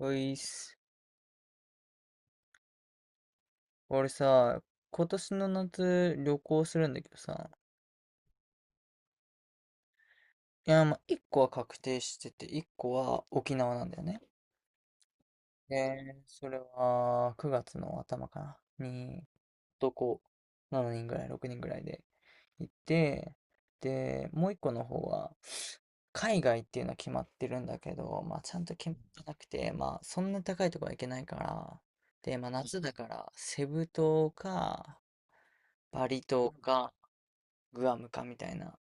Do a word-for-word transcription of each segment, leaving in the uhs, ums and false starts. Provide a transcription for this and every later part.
おいっす。俺さ、今年の夏旅行するんだけどさ、いや、まあ、いっこは確定してて、いっこは沖縄なんだよね。で、それはくがつの頭かな、に、男ななにんぐらい、ろくにんぐらいで行って、で、もういっこの方は、海外っていうのは決まってるんだけど、まあ、ちゃんと決まってなくて、まあ、そんな高いとこは行けないから、で、まあ、夏だから、セブ島か、バリ島か、グアムかみたいな。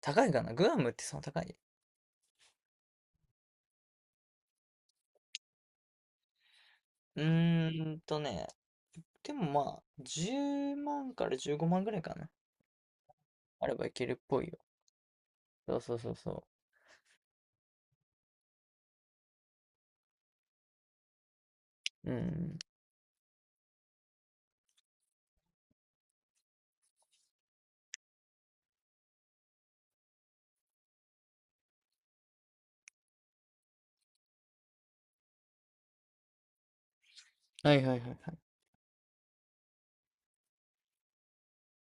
高いかな、グアムって。その高い？うーんとね、でもまあ、じゅうまんからじゅうごまんぐらいかな。あればいけるっぽいよ。そうそうそうそう。うん。はいはいはいはい。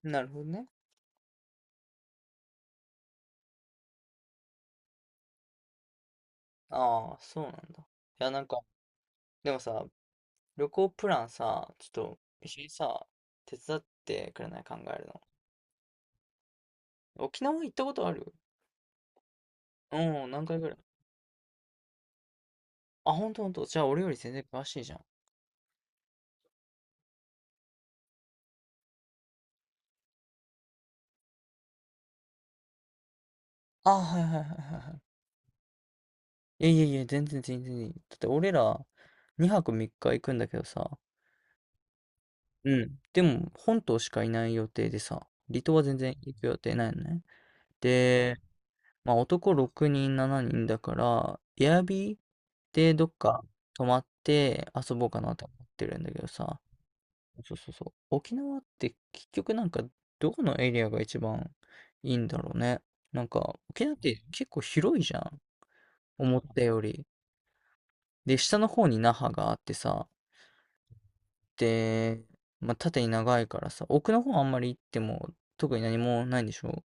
なるほどね。ああ、そうなんだ。いや、なんか、でもさ、旅行プランさ、ちょっと一緒にさ、手伝ってくれない？考えるの。沖縄行ったことある？うん、何回ぐらい？あ、ほんとほんと。じゃあ俺より全然詳しいじゃん。ああ、はいはいはいはいはい。いやいやいや、全然全然いい。だって俺らにはくみっか行くんだけどさ、うん。でも本島しかいない予定でさ、離島は全然行く予定ないのね。で、まあ男ろくにんななにんだから、エアビーでどっか泊まって遊ぼうかなと思ってるんだけどさ、そうそうそう。沖縄って結局なんか、どこのエリアが一番いいんだろうね。なんか沖縄って結構広いじゃん、思ったより。で、下の方に那覇があってさ、て、まあ、縦に長いからさ、奥の方あんまり行っても特に何もないんでしょう？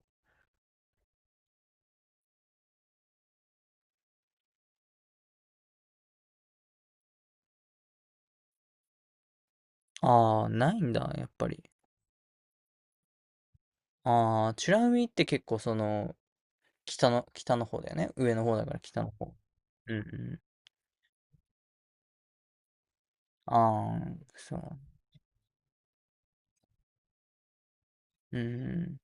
ああー、ないんだ、やっぱり。ああ、美ら海って結構その、北の、北の方だよね。上の方だから北の方。うんうん。ああ、そう。うんう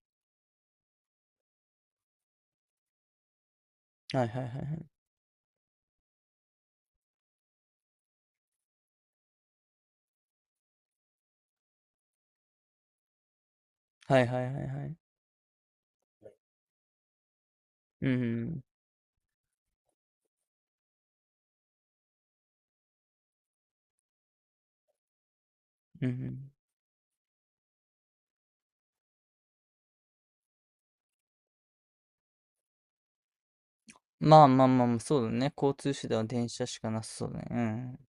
ん。はいはいはいはい。はいはいはいはい。うんうん。うんうん。まあまあまあまあ、そうだね。交通手段は電車しかなさそうだね。うん。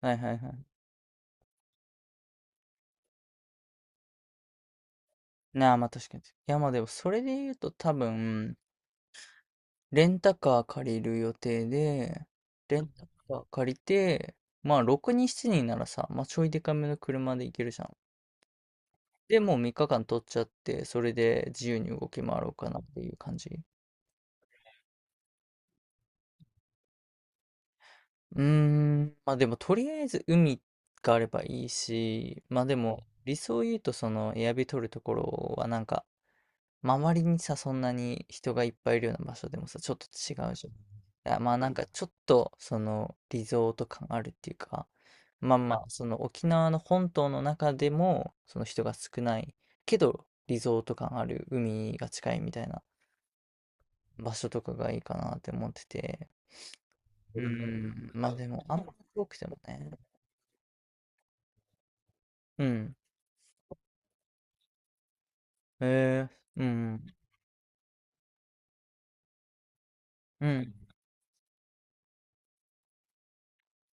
はいはいはい。なあ、まあ確かに。いやまあでも、それで言うと多分、レンタカー借りる予定で、レンタカー借りて、まあろくにんななにんならさ、まあちょいでかめの車で行けるじゃん。で、もうみっかかん取っちゃって、それで自由に動き回ろうかなっていう感じ。うーん、まあでもとりあえず海があればいいし、まあでも理想を言うと、そのエアビ取るところはなんか、まあ、周りにさ、そんなに人がいっぱいいるような場所でもさ、ちょっと違うじゃん。あ、まあ、なんかちょっと、その、リゾート感あるっていうか、まあまあ、その沖縄の本島の中でも、その人が少ないけど、リゾート感ある、海が近いみたいな場所とかがいいかなって思ってて。うーん、まあでも、あんま遠くてもね。うん。へえー、うん、うん。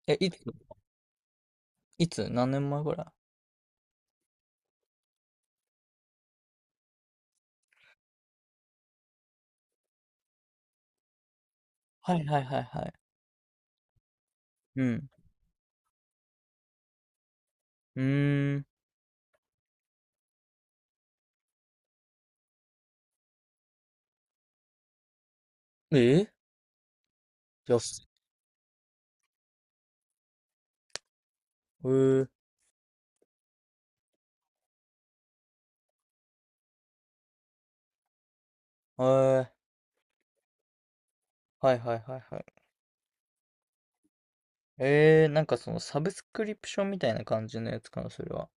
え、いつ？いつ？何年前ぐらい？はいはいはいはい。うん。うーん。えよし。うー、はい、はいはいはいはい。えー、なんかそのサブスクリプションみたいな感じのやつかな、それは。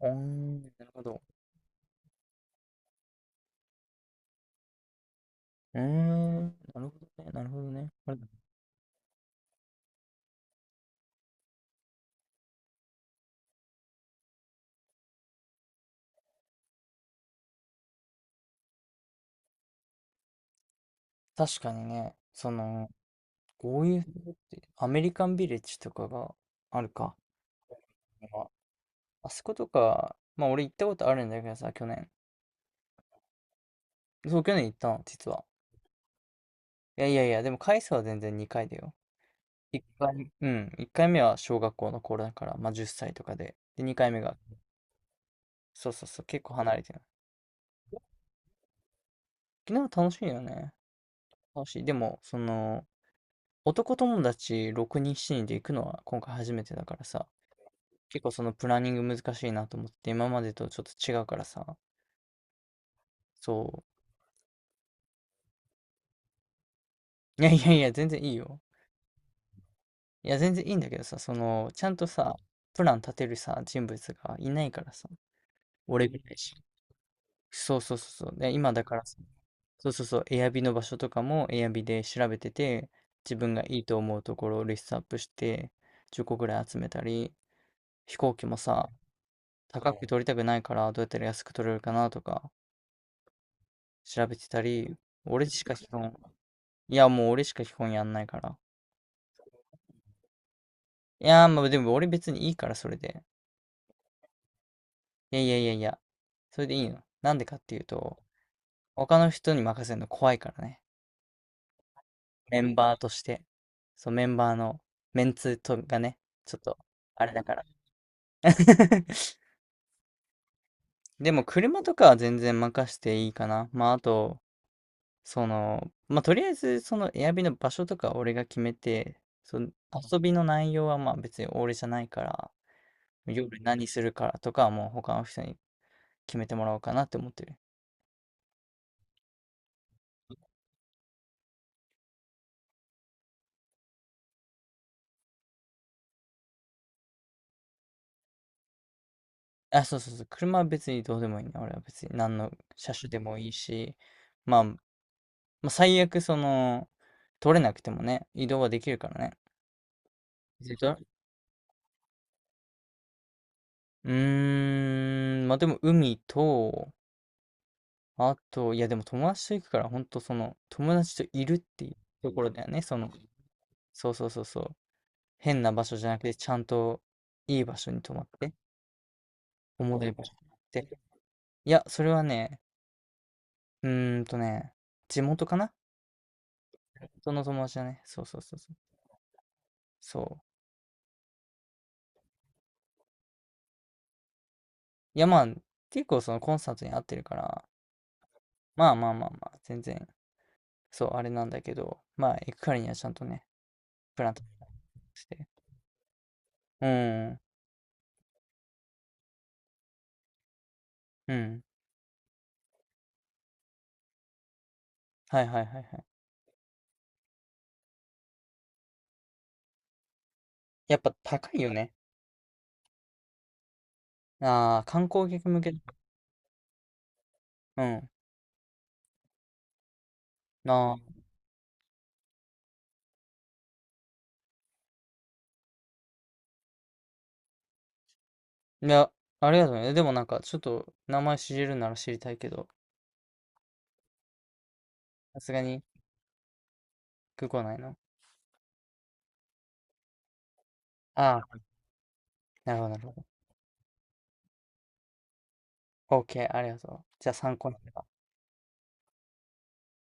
うーん、なるほど。うーん、なるほどね、なるほどね。これ確かにね、その、こういうのって、アメリカンビレッジとかがあるか。ああそことか、まあ俺行ったことあるんだけどさ、去年。そう、去年行ったの、実は。いやいやいや、でも回数は全然にかいだよ。いっかい、うん、いっかいめは小学校の頃だから、まあじゅっさいとかで。で、にかいめが。そうそうそう、結構離れてる。沖縄楽しいよね。楽しい。でも、その、男友達ろくにん、ななにんで行くのは今回初めてだからさ、結構そのプランニング難しいなと思って、今までとちょっと違うからさ。そう。いやいやいや、全然いいよ。いや、全然いいんだけどさ、その、ちゃんとさ、プラン立てるさ、人物がいないからさ、俺ぐらいしか。そうそうそうそう。で、今だから、そうそうそう、エアビの場所とかもエアビで調べてて、自分がいいと思うところをリストアップして、じゅっこぐらい集めたり、飛行機もさ、高く取りたくないから、どうやったら安く取れるかなとか、調べてたり、俺しか基本、いや、もう俺しか基本やんないから。いやー、まあでも俺別にいいから、それで。いやいやいやいや、それでいいの。なんでかっていうと、他の人に任せるの怖いからね。メンバーとして、そう、メンバーのメンツとがね、ちょっと、あれだから。でも、車とかは全然任していいかな。まあ、あと、その、まあ、とりあえず、その、エアビの場所とかは俺が決めて、その、遊びの内容はまあ別に俺じゃないから、夜何するからとかはもう他の人に決めてもらおうかなって思ってる。あ、そうそうそう、車は別にどうでもいいね。俺は別に何の車種でもいいし、まあ、まあ、最悪その、取れなくてもね、移動はできるからね。えっとうーん、まあでも海と、あと、いやでも友達と行くから、ほんとその、友達といるっていうところだよね。その、そうそうそうそう。変な場所じゃなくて、ちゃんといい場所に泊まって、おもろい場所に行って。いや、それはね、うーんとね、地元かな。その友達だね。そうそうそうそう。そう。いやまあ、結構そのコンサートに合ってるから、まあまあまあまあ、全然そう、あれなんだけど、まあ、行くからにはちゃんとね、プラン立てして。うん、うん。はいはいはいはい。やっぱ高いよね。ああ、観光客向け。うん。なあ。いや、ありがとうね。でもなんか、ちょっと、名前知れるなら知りたいけど、さすがに、空港内の。ああ、なるほどなるほど。OK、ありがとう。じゃあ参考になれば。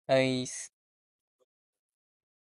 はいっす。